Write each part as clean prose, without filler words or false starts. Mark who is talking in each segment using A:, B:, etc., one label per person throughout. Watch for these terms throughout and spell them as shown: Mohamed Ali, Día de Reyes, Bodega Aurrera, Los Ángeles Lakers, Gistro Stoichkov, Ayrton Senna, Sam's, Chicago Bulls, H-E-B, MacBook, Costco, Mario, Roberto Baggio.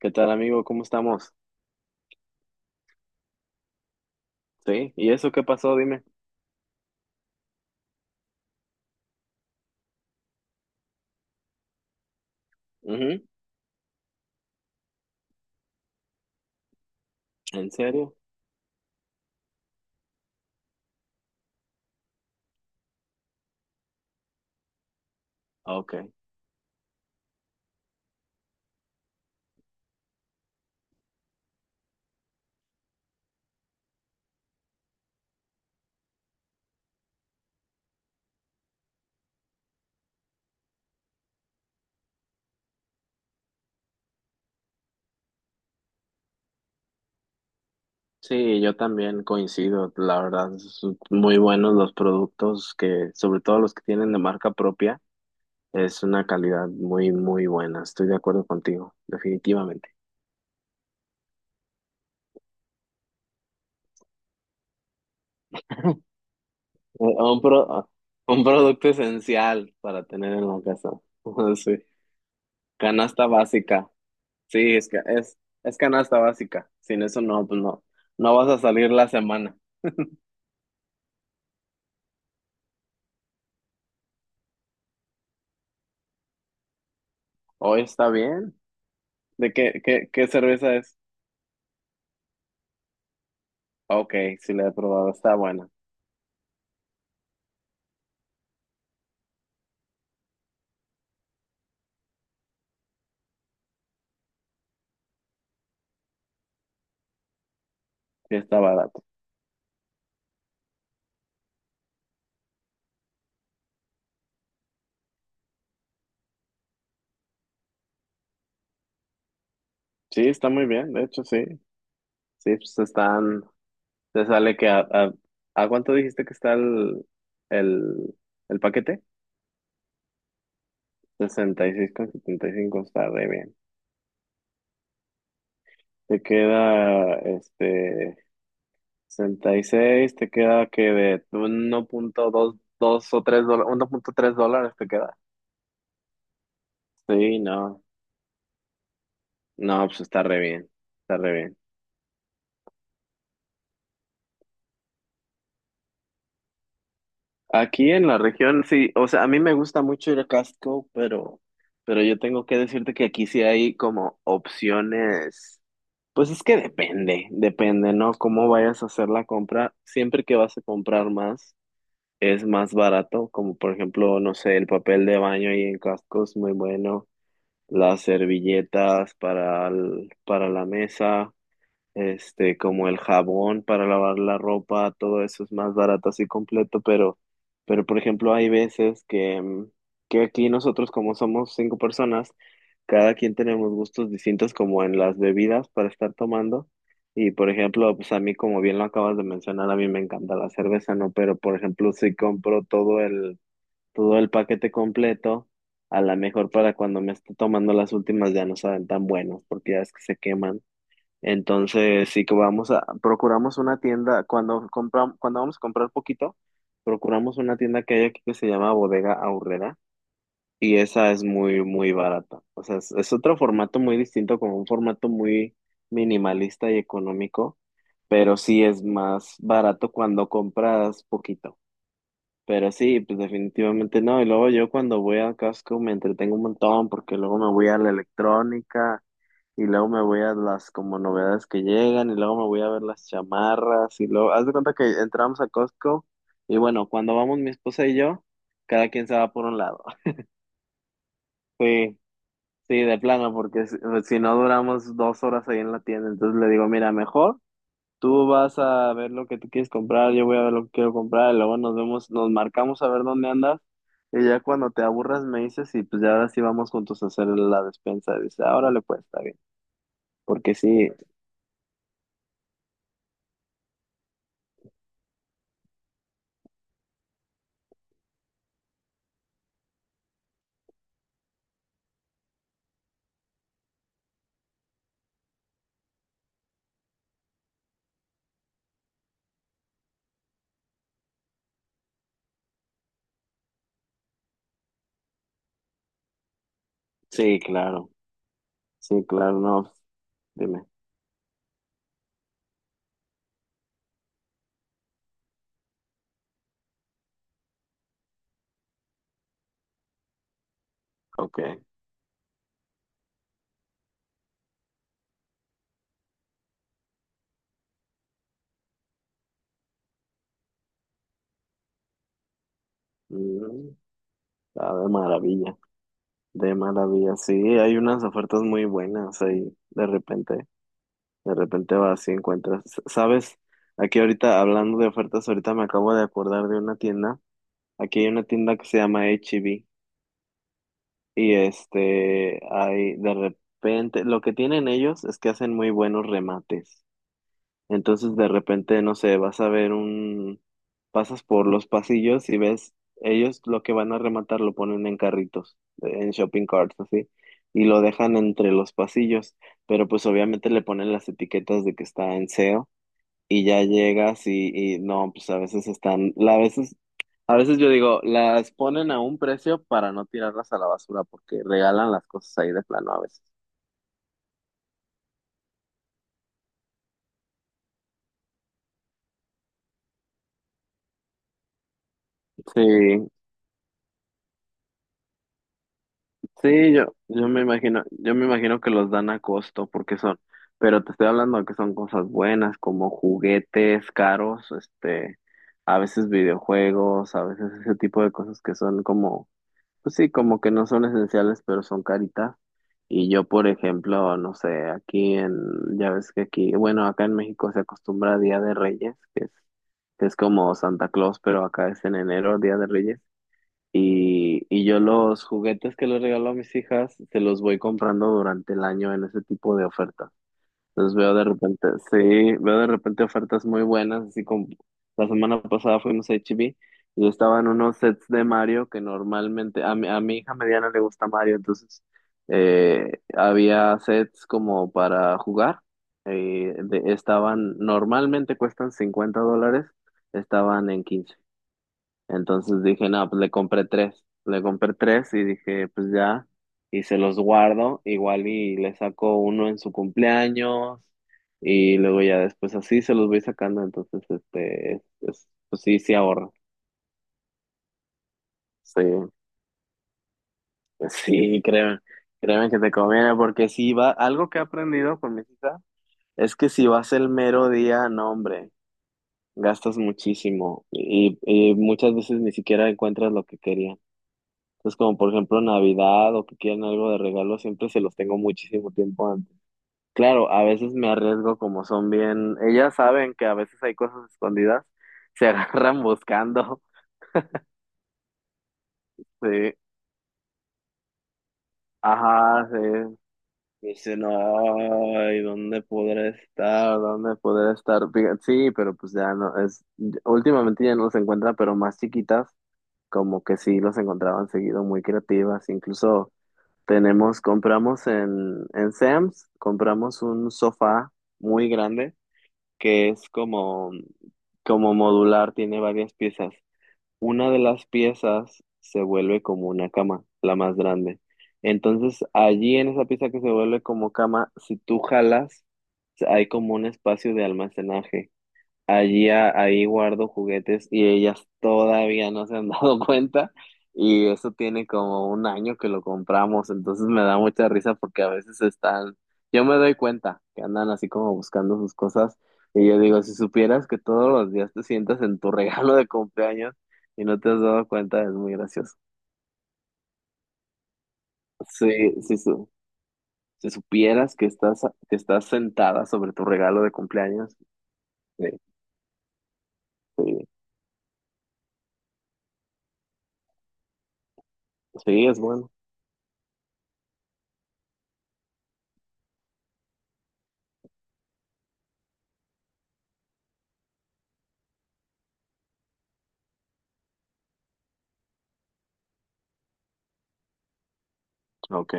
A: ¿Qué tal, amigo? ¿Cómo estamos? Sí, ¿y eso qué pasó? Dime. Ujú. ¿En serio? Ok. Sí, yo también coincido, la verdad, son muy buenos los productos que, sobre todo los que tienen de marca propia, es una calidad muy, muy buena. Estoy de acuerdo contigo, definitivamente. Un un producto esencial para tener en la casa. Sí. Canasta básica. Sí, es canasta básica. Sin eso no, pues no, no vas a salir la semana. Hoy está bien. ¿De qué cerveza es? Ah, ok, sí la he probado, está buena, sí está barato. Sí, está muy bien, de hecho sí. Sí, pues están, te sale que ¿a cuánto dijiste que está el, el paquete? Sesenta y seis con setenta y cinco está re bien. Te queda, 66 te queda que de 1.22 o $3, $1.3 te queda. Sí, no, no, pues está re bien, está re bien. Aquí en la región, sí, o sea, a mí me gusta mucho ir a Costco, pero, yo tengo que decirte que aquí sí hay como opciones, pues es que depende, depende, ¿no? Cómo vayas a hacer la compra, siempre que vas a comprar más, es más barato, como por ejemplo, no sé, el papel de baño ahí en Costco es muy bueno, las servilletas para la mesa. Este, como el jabón para lavar la ropa, todo eso es más barato así completo, pero por ejemplo, hay veces que, que aquí nosotros, como somos cinco personas, cada quien tenemos gustos distintos como en las bebidas para estar tomando. Y por ejemplo, pues a mí, como bien lo acabas de mencionar, a mí me encanta la cerveza, ¿no? Pero por ejemplo, si compro todo el paquete completo, a lo mejor para cuando me esté tomando las últimas ya no saben tan buenos, porque ya es que se queman. Entonces, sí que vamos a, procuramos una tienda, cuando compramos, cuando vamos a comprar poquito, procuramos una tienda que hay aquí que se llama Bodega Aurrera y esa es muy, muy barata. O sea, es otro formato muy distinto, como un formato muy minimalista y económico, pero sí es más barato cuando compras poquito. Pero sí, pues definitivamente no. Y luego yo cuando voy al casco me entretengo un montón porque luego me voy a la electrónica y luego me voy a las como novedades que llegan y luego me voy a ver las chamarras y luego, haz de cuenta que entramos a Costco y bueno, cuando vamos mi esposa y yo, cada quien se va por un lado. Sí, sí, de plano, porque si no duramos 2 horas ahí en la tienda, entonces le digo, mira, mejor. Tú vas a ver lo que tú quieres comprar, yo voy a ver lo que quiero comprar, y luego nos vemos, nos marcamos a ver dónde andas, y ya cuando te aburras me dices, y pues ya ahora sí vamos juntos a hacer la despensa. Dice, ahora le puedes está bien. Porque sí, sí, claro, sí, claro, no, dime, ok. Mm, ah, de maravilla, sí, hay unas ofertas muy buenas ahí, de repente vas y encuentras, ¿sabes? Aquí ahorita, hablando de ofertas, ahorita me acabo de acordar de una tienda. Aquí hay una tienda que se llama HEB y hay de repente, lo que tienen ellos es que hacen muy buenos remates. Entonces de repente, no sé, vas a ver un, pasas por los pasillos y ves, ellos lo que van a rematar lo ponen en carritos, en shopping carts, así, y lo dejan entre los pasillos, pero pues obviamente le ponen las etiquetas de que está en SEO y ya llegas y no, pues a veces están, a veces yo digo, las ponen a un precio para no tirarlas a la basura, porque regalan las cosas ahí de plano a veces. Sí, sí, yo me imagino, yo me imagino que los dan a costo, porque son, pero te estoy hablando de que son cosas buenas, como juguetes caros, a veces videojuegos, a veces ese tipo de cosas que son como. Pues sí, como que no son esenciales, pero son caritas. Y yo, por ejemplo, no sé, aquí en, ya ves que aquí, bueno, acá en México se acostumbra a Día de Reyes, que es como Santa Claus, pero acá es en enero, Día de Reyes. Y yo los juguetes que les regalo a mis hijas, se los voy comprando durante el año en ese tipo de ofertas. Entonces veo de repente, sí, veo de repente ofertas muy buenas, así como la semana pasada fuimos a HEB y estaban unos sets de Mario que normalmente, a mi hija mediana le gusta Mario, entonces había sets como para jugar, estaban, normalmente cuestan $50, estaban en 15. Entonces dije, no, pues le compré tres y dije, pues ya y se los guardo, igual y le saco uno en su cumpleaños y luego ya después así se los voy sacando, entonces, este, es- pues sí, sí ahorro. Sí, pues sí, créeme, créeme que te conviene, porque si va, algo que he aprendido con mis hijas es que si vas el mero día, no, hombre, gastas muchísimo y muchas veces ni siquiera encuentras lo que querían. Entonces, como por ejemplo Navidad o que quieren algo de regalo, siempre se los tengo muchísimo tiempo antes. Claro, a veces me arriesgo como son bien, ellas saben que a veces hay cosas escondidas se agarran buscando. Sí, ajá, sí. Dice, no, ay, ¿dónde podré estar? ¿Dónde podré estar? Sí, pero pues ya no, es, últimamente ya no los encuentra, pero más chiquitas, como que sí los encontraban seguido, muy creativas. Incluso tenemos, compramos en Sam's, compramos un sofá muy grande, que es como modular, tiene varias piezas. Una de las piezas se vuelve como una cama, la más grande. Entonces, allí en esa pieza que se vuelve como cama, si tú jalas, hay como un espacio de almacenaje. Allí, ahí guardo juguetes y ellas todavía no se han dado cuenta y eso tiene como un año que lo compramos, entonces me da mucha risa porque a veces están, yo me doy cuenta que andan así como buscando sus cosas y yo digo, si supieras que todos los días te sientas en tu regalo de cumpleaños y no te has dado cuenta, es muy gracioso. Sí, si, su- si supieras que estás, sentada sobre tu regalo de cumpleaños, sí, sí, sí, es bueno. Ok.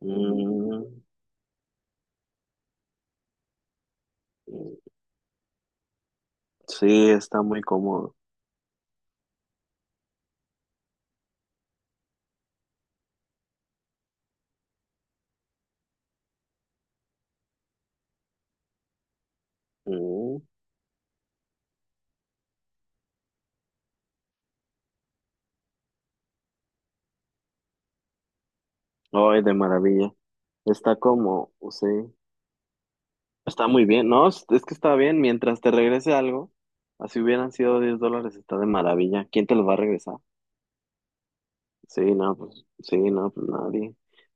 A: Mm, mm, sí, está muy cómodo. Mm, ay, de maravilla. Está como, sí, está muy bien. No, es que está bien. Mientras te regrese algo, así hubieran sido $10, está de maravilla. ¿Quién te lo va a regresar? Sí, no, pues nadie.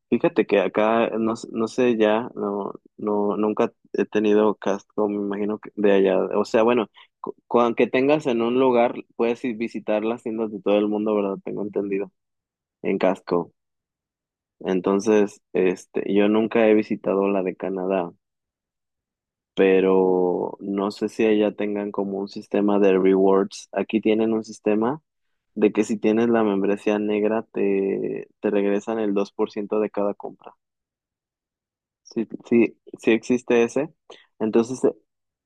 A: Fíjate que acá, no, no sé ya, no, no, nunca he tenido Costco, me imagino que de allá. O sea, bueno, con que tengas en un lugar, puedes ir visitar las tiendas de todo el mundo, ¿verdad? Tengo entendido. En Costco. Entonces, este, yo nunca he visitado la de Canadá, pero no sé si allá tengan como un sistema de rewards. Aquí tienen un sistema de que si tienes la membresía negra te, te regresan el 2% de cada compra. Sí, sí, sí existe ese. Entonces,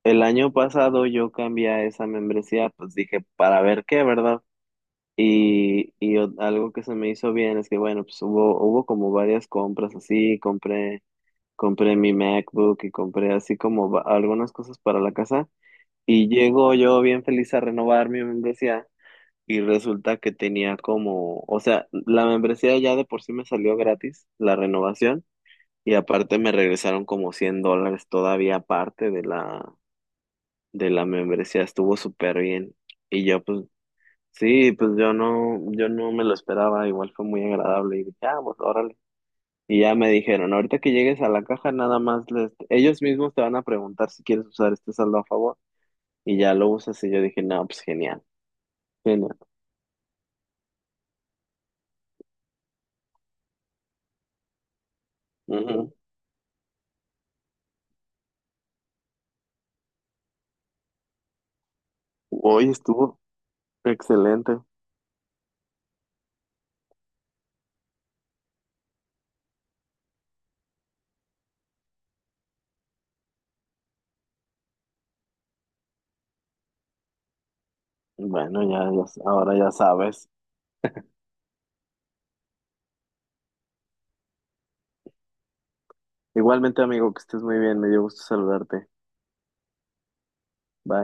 A: el año pasado yo cambié a esa membresía, pues dije, para ver qué, ¿verdad? Algo que se me hizo bien es que, bueno, pues hubo como varias compras así, compré mi MacBook y compré así algunas cosas para la casa y llego yo bien feliz a renovar mi membresía y resulta que tenía como, o sea, la membresía ya de por sí me salió gratis, la renovación, y aparte me regresaron como $100 todavía aparte de la membresía, estuvo súper bien. Y yo pues, sí, pues yo no me lo esperaba, igual fue muy agradable y dije, ah, pues ahora. Y ya me dijeron, ahorita que llegues a la caja, nada más les, ellos mismos te van a preguntar si quieres usar este saldo a favor. Y ya lo usas y yo dije, no, pues genial, genial. Ujú. Hoy estuvo excelente. Bueno, ya, ya, ahora ya sabes. Igualmente, amigo, que estés muy bien, me dio gusto saludarte. Bye.